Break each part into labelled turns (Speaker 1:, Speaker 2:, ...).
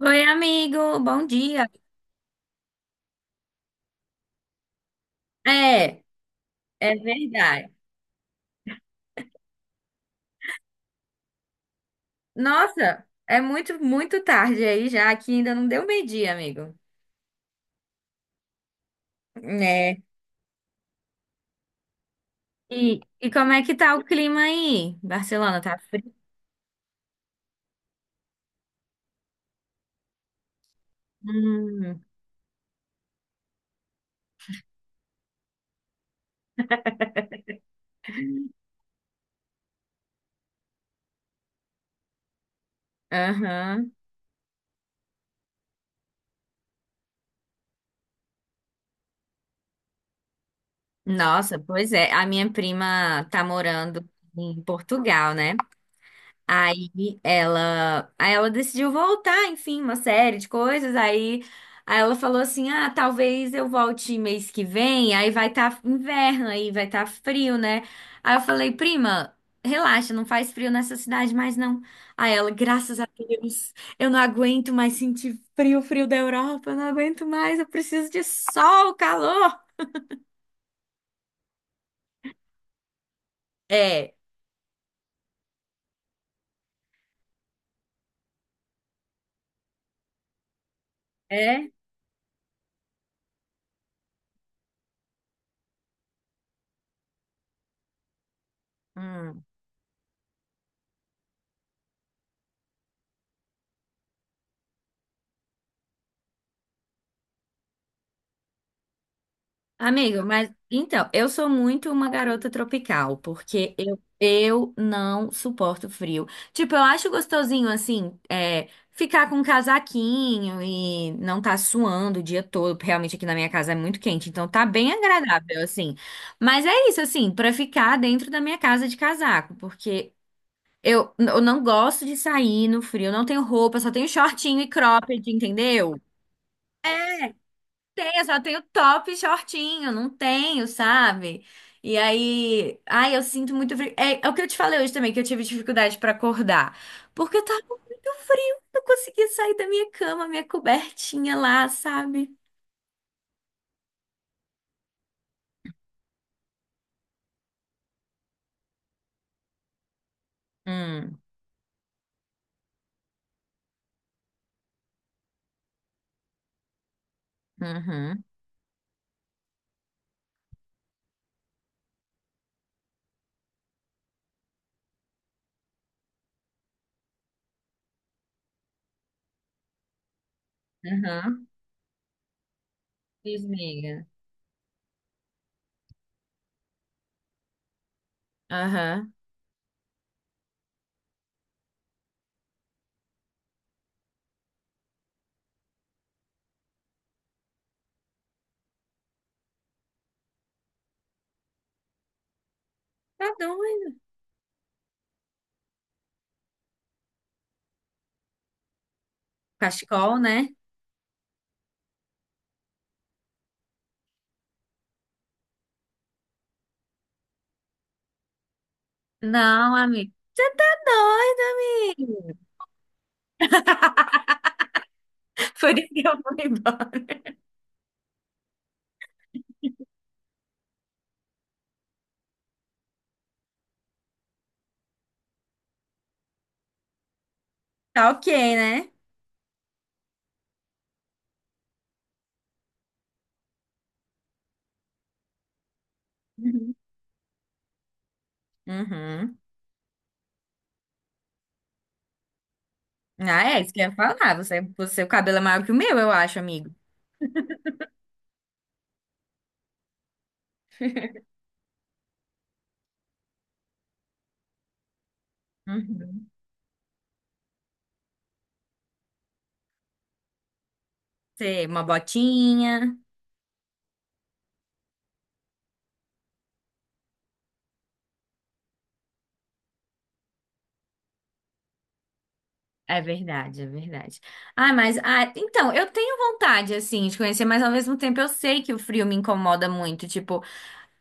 Speaker 1: Oi, amigo, bom dia. É, é, verdade. Nossa, é muito, muito tarde aí já, aqui ainda não deu meio-dia, amigo. É. E como é que tá o clima aí? Barcelona, tá frio? Hum, aham. Nossa, pois é, a minha prima tá morando em Portugal, né? Aí aí ela decidiu voltar, enfim, uma série de coisas. Aí, aí ela falou assim: "Ah, talvez eu volte mês que vem, aí vai estar inverno aí, vai estar frio, né?" Aí eu falei: "Prima, relaxa, não faz frio nessa cidade mais não." Aí ela: "Graças a Deus, eu não aguento mais sentir frio, frio da Europa, eu não aguento mais, eu preciso de sol, calor." É, é. Hum. Amigo, mas então, eu sou muito uma garota tropical, porque eu não suporto frio. Tipo, eu acho gostosinho assim, é, ficar com um casaquinho e não tá suando o dia todo porque realmente aqui na minha casa é muito quente, então tá bem agradável, assim. Mas é isso, assim, pra ficar dentro da minha casa de casaco, porque eu não gosto de sair no frio, eu não tenho roupa, só tenho shortinho e cropped, entendeu? Tenho, eu só tenho top e shortinho, não tenho, sabe? E aí, ai, eu sinto muito frio. É, é o que eu te falei hoje também, que eu tive dificuldade pra acordar. Porque eu tava com muito frio, não conseguia sair da minha cama, minha cobertinha lá, sabe? Hum, uhum, uhum. Diz, miga. Aham. Tá doido. Cachecol, né? Não, amigo. Você tá doido. Foi isso que eu fui embora. Tá ok, né? Uhum. Uhum. Ah, é, isso que eu ia falar. Você, o cabelo é maior que o meu, eu acho, amigo. Uhum. Você, uma botinha. É verdade, é verdade. Ah, mas, ah, então, eu tenho vontade, assim, de conhecer, mas ao mesmo tempo eu sei que o frio me incomoda muito. Tipo,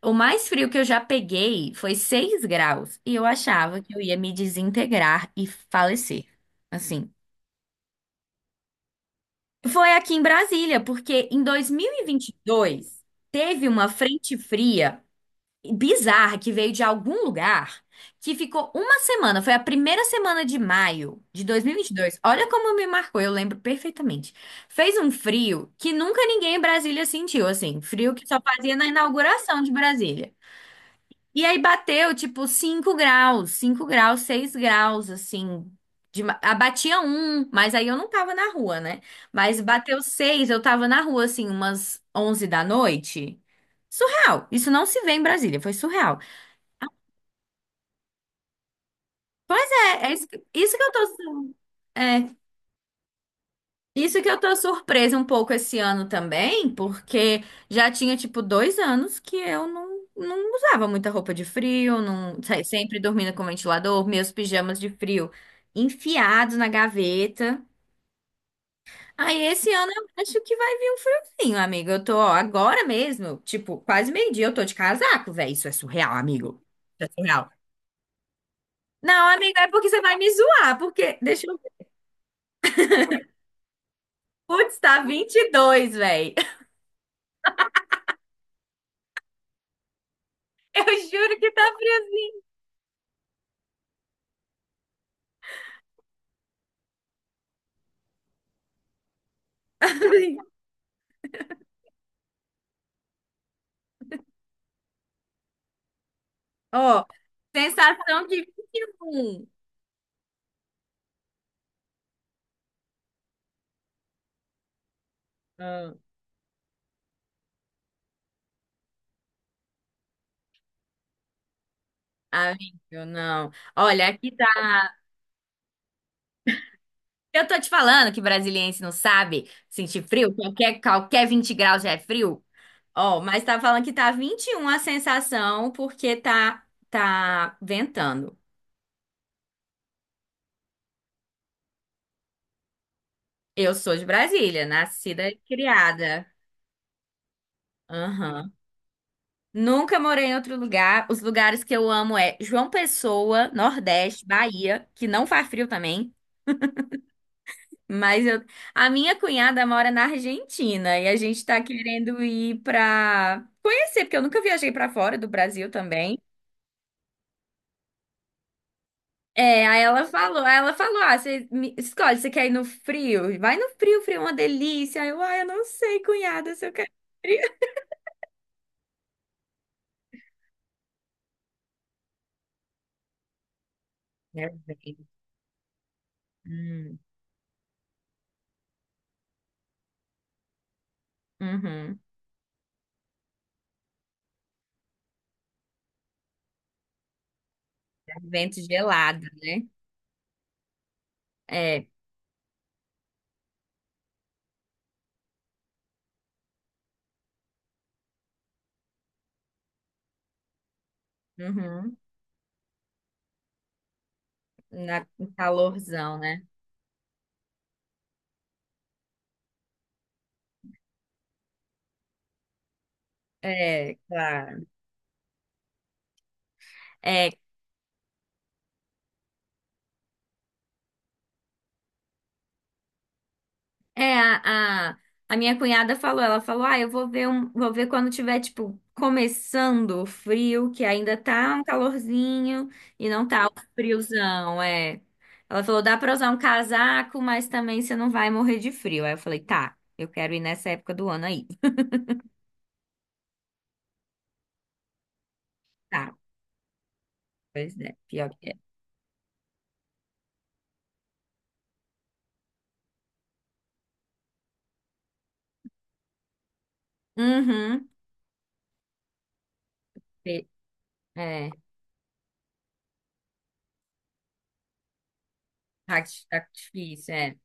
Speaker 1: o mais frio que eu já peguei foi 6 graus e eu achava que eu ia me desintegrar e falecer. Assim, foi aqui em Brasília, porque em 2022 teve uma frente fria bizarra que veio de algum lugar, que ficou uma semana, foi a primeira semana de maio de dois mil e vinte e dois. Olha como me marcou, eu lembro perfeitamente. Fez um frio que nunca ninguém em Brasília sentiu, assim, frio que só fazia na inauguração de Brasília. E aí bateu tipo 5 graus, 5 graus, 6 graus, assim. De, ah, batia um, mas aí eu não tava na rua, né? Mas bateu seis, eu tava na rua, assim, umas 11 da noite. Surreal. Isso não se vê em Brasília, foi surreal. Pois é, é isso que eu tô, su- é, isso que eu tô surpresa um pouco esse ano também, porque já tinha, tipo, 2 anos que eu não usava muita roupa de frio, não, sempre dormindo com ventilador, meus pijamas de frio enfiados na gaveta. Aí esse ano eu acho que vai vir um friozinho, amigo. Eu tô, ó, agora mesmo, tipo, quase meio-dia eu tô de casaco, velho. Isso é surreal, amigo. Isso é surreal. Não, amigo, é porque você vai me zoar, porque deixa eu ver. Putz, tá 22 velho. Eu juro que tá friozinho. Ó, sensação de 21. Ah, amigo, não. Olha, aqui tá. Eu tô te falando que brasiliense não sabe sentir frio. Qualquer 20 graus já é frio. Ó, mas tá falando que tá 21 a sensação porque tá ventando. Eu sou de Brasília, nascida e criada. Aham. Nunca morei em outro lugar. Os lugares que eu amo é João Pessoa, Nordeste, Bahia, que não faz frio também. Mas eu... a minha cunhada mora na Argentina e a gente tá querendo ir pra conhecer, porque eu nunca viajei pra fora do Brasil também. É, aí ela falou, ah, você escolhe, você quer ir no frio? Vai no frio, frio é uma delícia. Aí eu, ah, eu não sei, cunhada, se eu quero frio. Nervento. Hum, uhum. É vento gelado, né? É. Uhum. Na, um calorzão, né? É, claro. É, é a minha cunhada falou, ela falou, ah, eu vou ver um, vou ver quando tiver, tipo, começando o frio, que ainda tá um calorzinho e não tá o friozão, é. Ela falou, dá pra usar um casaco, mas também você não vai morrer de frio. Aí eu falei, tá, eu quero ir nessa época do ano aí. Tá, pois é, pior que é. Uhum. É, tá, tá difícil, é.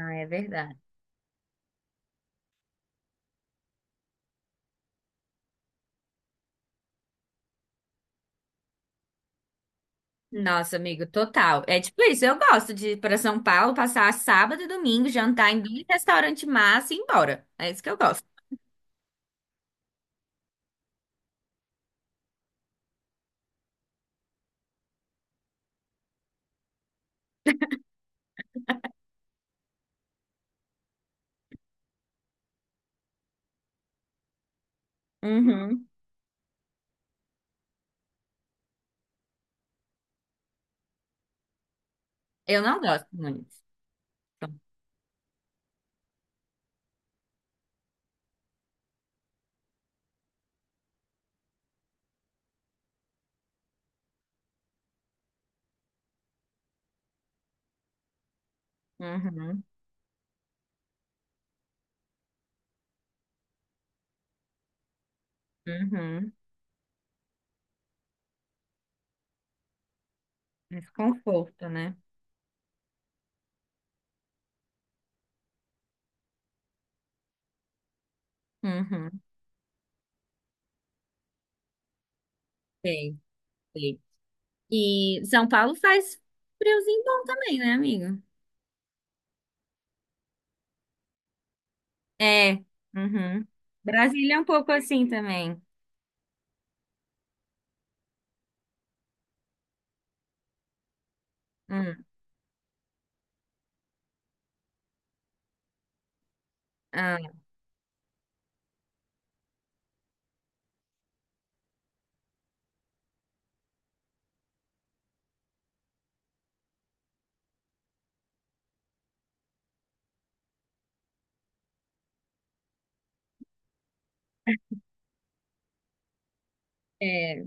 Speaker 1: Ah, é verdade. Nossa, amigo, total. É tipo isso, eu gosto de ir pra São Paulo, passar sábado e domingo, jantar em bem restaurante massa e ir embora. É isso que eu gosto. Uhum. Eu não gosto muito. Uhum, uhum. Mas conforto, né? Uhum. Sei, sei. E São Paulo faz friozinho bom também, né, amigo? É. Uhum. Brasília é um pouco assim também. Hum, ah, é,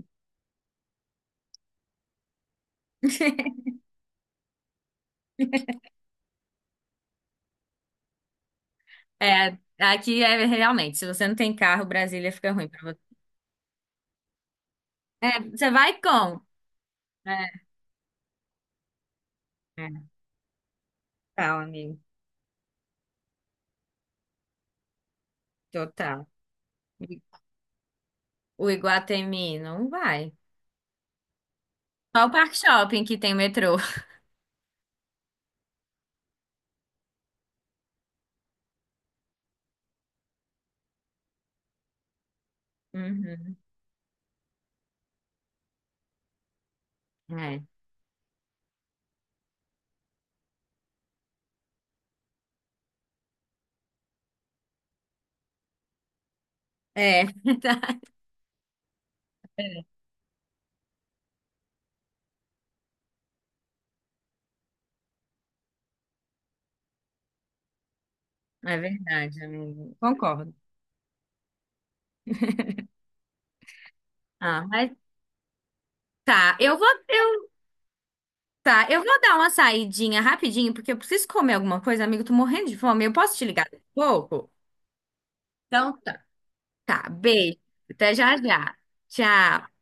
Speaker 1: aqui é realmente, se você não tem carro, Brasília fica ruim pra você. É, você vai como? É, é, total, amigo. Total. E o Iguatemi não vai. Só o Parque Shopping que tem metrô. Uhum. É, é, é verdade, amigo. Concordo. Ah, mas tá. Tá, eu vou dar uma saidinha rapidinho, porque eu preciso comer alguma coisa, amigo. Tô morrendo de fome. Eu posso te ligar daqui a pouco? Então tá. Tá, beijo. Até já já. Tchau.